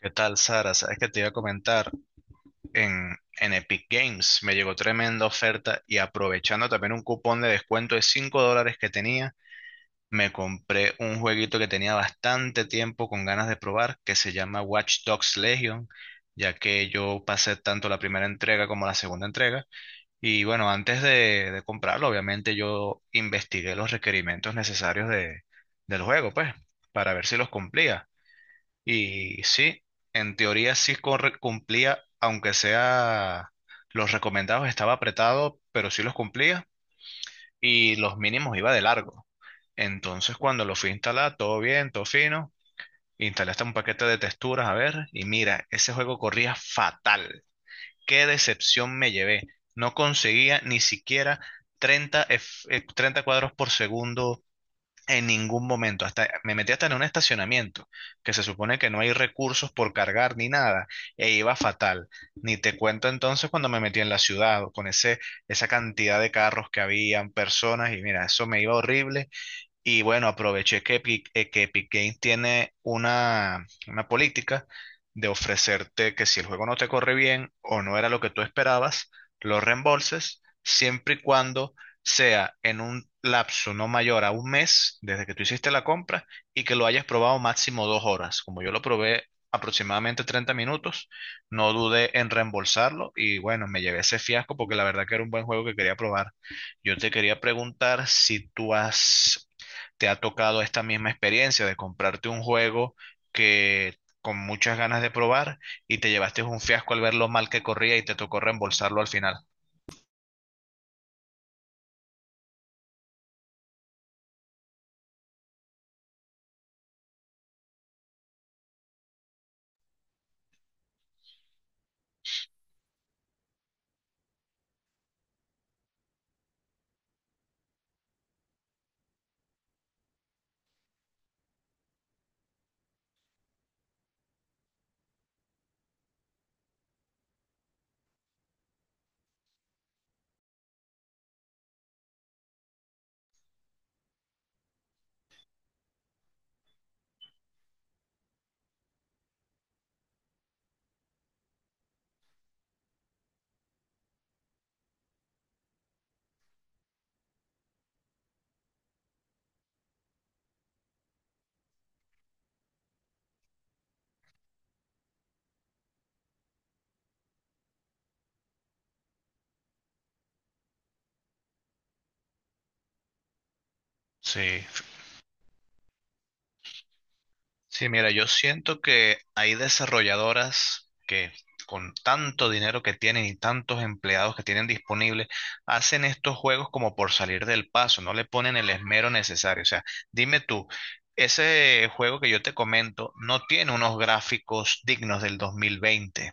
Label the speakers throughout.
Speaker 1: ¿Qué tal, Sara? Sabes que te iba a comentar, en Epic Games me llegó tremenda oferta y aprovechando también un cupón de descuento de $5 que tenía, me compré un jueguito que tenía bastante tiempo con ganas de probar, que se llama Watch Dogs Legion, ya que yo pasé tanto la primera entrega como la segunda entrega. Y bueno, antes de comprarlo, obviamente yo investigué los requerimientos necesarios del juego, pues, para ver si los cumplía. Y sí, en teoría cumplía, aunque sea los recomendados estaba apretado, pero sí los cumplía y los mínimos iba de largo. Entonces cuando lo fui a instalar, todo bien, todo fino, instalé hasta un paquete de texturas, a ver, y mira, ese juego corría fatal. Qué decepción me llevé. No conseguía ni siquiera 30 cuadros por segundo en ningún momento, hasta me metí hasta en un estacionamiento, que se supone que no hay recursos por cargar ni nada, e iba fatal. Ni te cuento entonces cuando me metí en la ciudad, esa cantidad de carros que habían, personas, y mira, eso me iba horrible. Y bueno, aproveché que Epic Games tiene una política de ofrecerte que si el juego no te corre bien o no era lo que tú esperabas, lo reembolses siempre y cuando sea en un lapso no mayor a 1 mes desde que tú hiciste la compra y que lo hayas probado máximo 2 horas. Como yo lo probé aproximadamente 30 minutos, no dudé en reembolsarlo y bueno, me llevé ese fiasco porque la verdad que era un buen juego que quería probar. Yo te quería preguntar si tú has te ha tocado esta misma experiencia de comprarte un juego que con muchas ganas de probar y te llevaste un fiasco al ver lo mal que corría y te tocó reembolsarlo al final. Sí, sí, mira, yo siento que hay desarrolladoras que con tanto dinero que tienen y tantos empleados que tienen disponibles, hacen estos juegos como por salir del paso, no le ponen el esmero necesario. O sea, dime tú, ese juego que yo te comento no tiene unos gráficos dignos del 2020,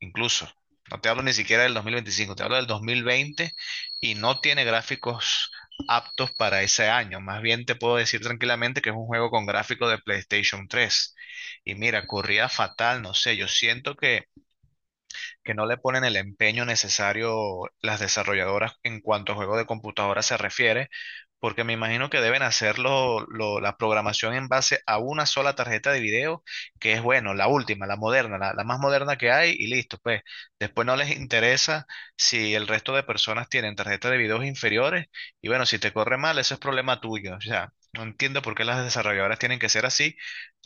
Speaker 1: incluso. No te hablo ni siquiera del 2025, te hablo del 2020 y no tiene gráficos aptos para ese año. Más bien te puedo decir tranquilamente que es un juego con gráficos de PlayStation 3. Y mira, corría fatal, no sé, yo siento que no le ponen el empeño necesario las desarrolladoras en cuanto a juego de computadora se refiere, porque me imagino que deben hacer la programación en base a una sola tarjeta de video, que es bueno, la última, la moderna, la más moderna que hay y listo, pues después no les interesa si el resto de personas tienen tarjetas de videos inferiores y bueno, si te corre mal, eso es problema tuyo, o sea. No entiendo por qué las desarrolladoras tienen que ser así.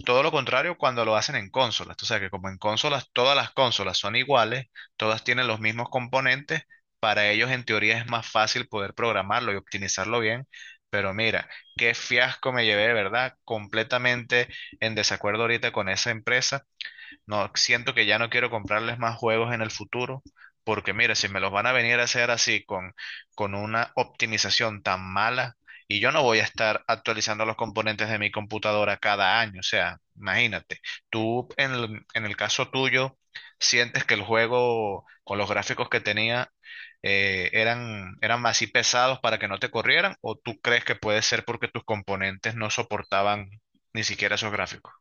Speaker 1: Todo lo contrario cuando lo hacen en consolas. Tú sabes que como en consolas, todas las consolas son iguales, todas tienen los mismos componentes, para ellos en teoría es más fácil poder programarlo y optimizarlo bien, pero mira, qué fiasco me llevé, ¿verdad? Completamente en desacuerdo ahorita con esa empresa. No, siento que ya no quiero comprarles más juegos en el futuro, porque mira, si me los van a venir a hacer así con una optimización tan mala, y yo no voy a estar actualizando los componentes de mi computadora cada año, o sea, imagínate, tú en el caso tuyo, ¿sientes que el juego con los gráficos que tenía eran así pesados para que no te corrieran, o tú crees que puede ser porque tus componentes no soportaban ni siquiera esos gráficos?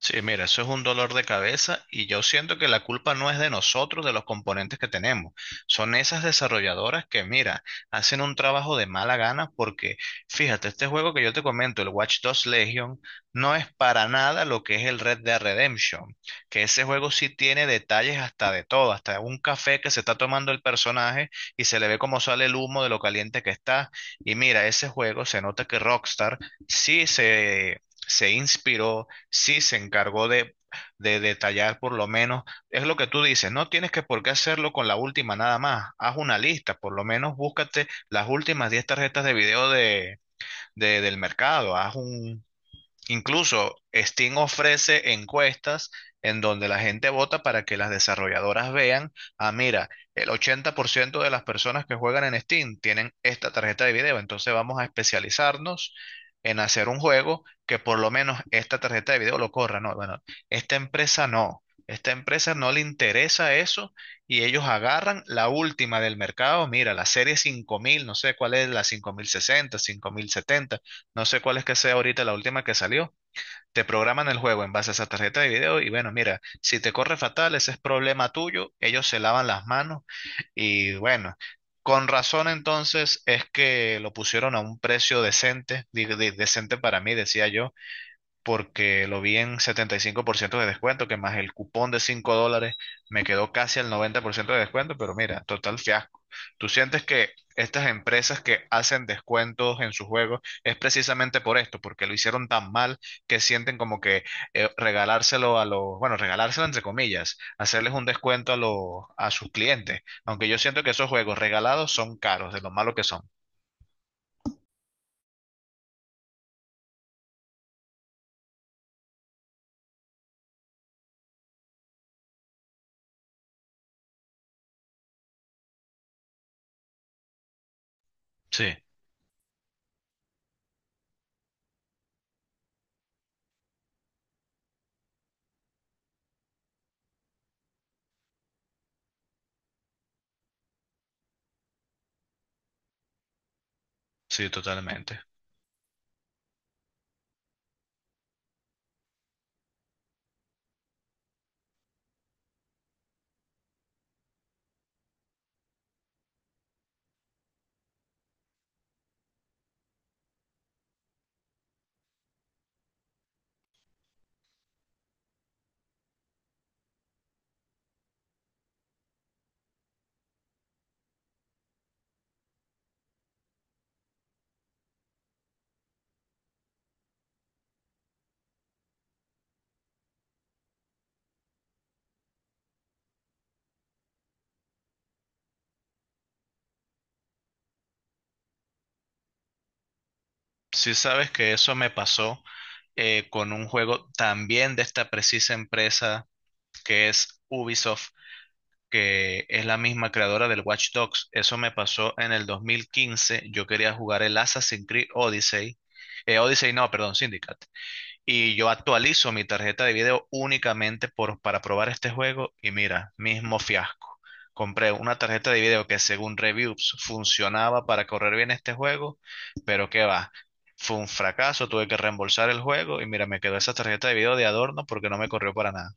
Speaker 1: Sí, mira, eso es un dolor de cabeza y yo siento que la culpa no es de nosotros, de los componentes que tenemos. Son esas desarrolladoras que, mira, hacen un trabajo de mala gana porque, fíjate, este juego que yo te comento, el Watch Dogs Legion, no es para nada lo que es el Red Dead Redemption, que ese juego sí tiene detalles hasta de todo, hasta un café que se está tomando el personaje y se le ve cómo sale el humo de lo caliente que está. Y mira, ese juego se nota que Rockstar sí se... se inspiró, sí se encargó de detallar. Por lo menos, es lo que tú dices, no tienes que por qué hacerlo con la última nada más, haz una lista, por lo menos búscate las últimas 10 tarjetas de video del mercado, haz un... Incluso Steam ofrece encuestas en donde la gente vota para que las desarrolladoras vean, ah, mira, el 80% de las personas que juegan en Steam tienen esta tarjeta de video, entonces vamos a especializarnos en hacer un juego que por lo menos esta tarjeta de video lo corra. No, bueno, esta empresa no. Esta empresa no le interesa eso y ellos agarran la última del mercado. Mira, la serie 5000, no sé cuál es, la 5060, 5070, no sé cuál es que sea ahorita la última que salió. Te programan el juego en base a esa tarjeta de video y bueno, mira, si te corre fatal, ese es problema tuyo. Ellos se lavan las manos y bueno, con razón entonces es que lo pusieron a un precio decente, decente para mí, decía yo porque lo vi en 75% de descuento, que más el cupón de $5 me quedó casi al 90% de descuento, pero mira, total fiasco. ¿Tú sientes que estas empresas que hacen descuentos en sus juegos es precisamente por esto, porque lo hicieron tan mal que sienten como que regalárselo a los, bueno, regalárselo entre comillas, hacerles un descuento a los, a sus clientes, aunque yo siento que esos juegos regalados son caros, de lo malo que son? Sí, sí, totalmente. Si sabes que eso me pasó, con un juego también de esta precisa empresa que es Ubisoft, que es la misma creadora del Watch Dogs. Eso me pasó en el 2015. Yo quería jugar el Assassin's Creed Odyssey. Odyssey no, perdón, Syndicate. Y yo actualizo mi tarjeta de video únicamente para probar este juego y mira, mismo fiasco. Compré una tarjeta de video que según reviews funcionaba para correr bien este juego, pero qué va. Fue un fracaso, tuve que reembolsar el juego y mira, me quedó esa tarjeta de video de adorno porque no me corrió para nada.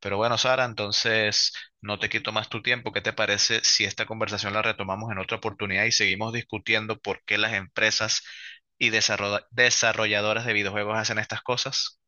Speaker 1: Pero bueno, Sara, entonces no te quito más tu tiempo. ¿Qué te parece si esta conversación la retomamos en otra oportunidad y seguimos discutiendo por qué las empresas y desarrolladoras de videojuegos hacen estas cosas?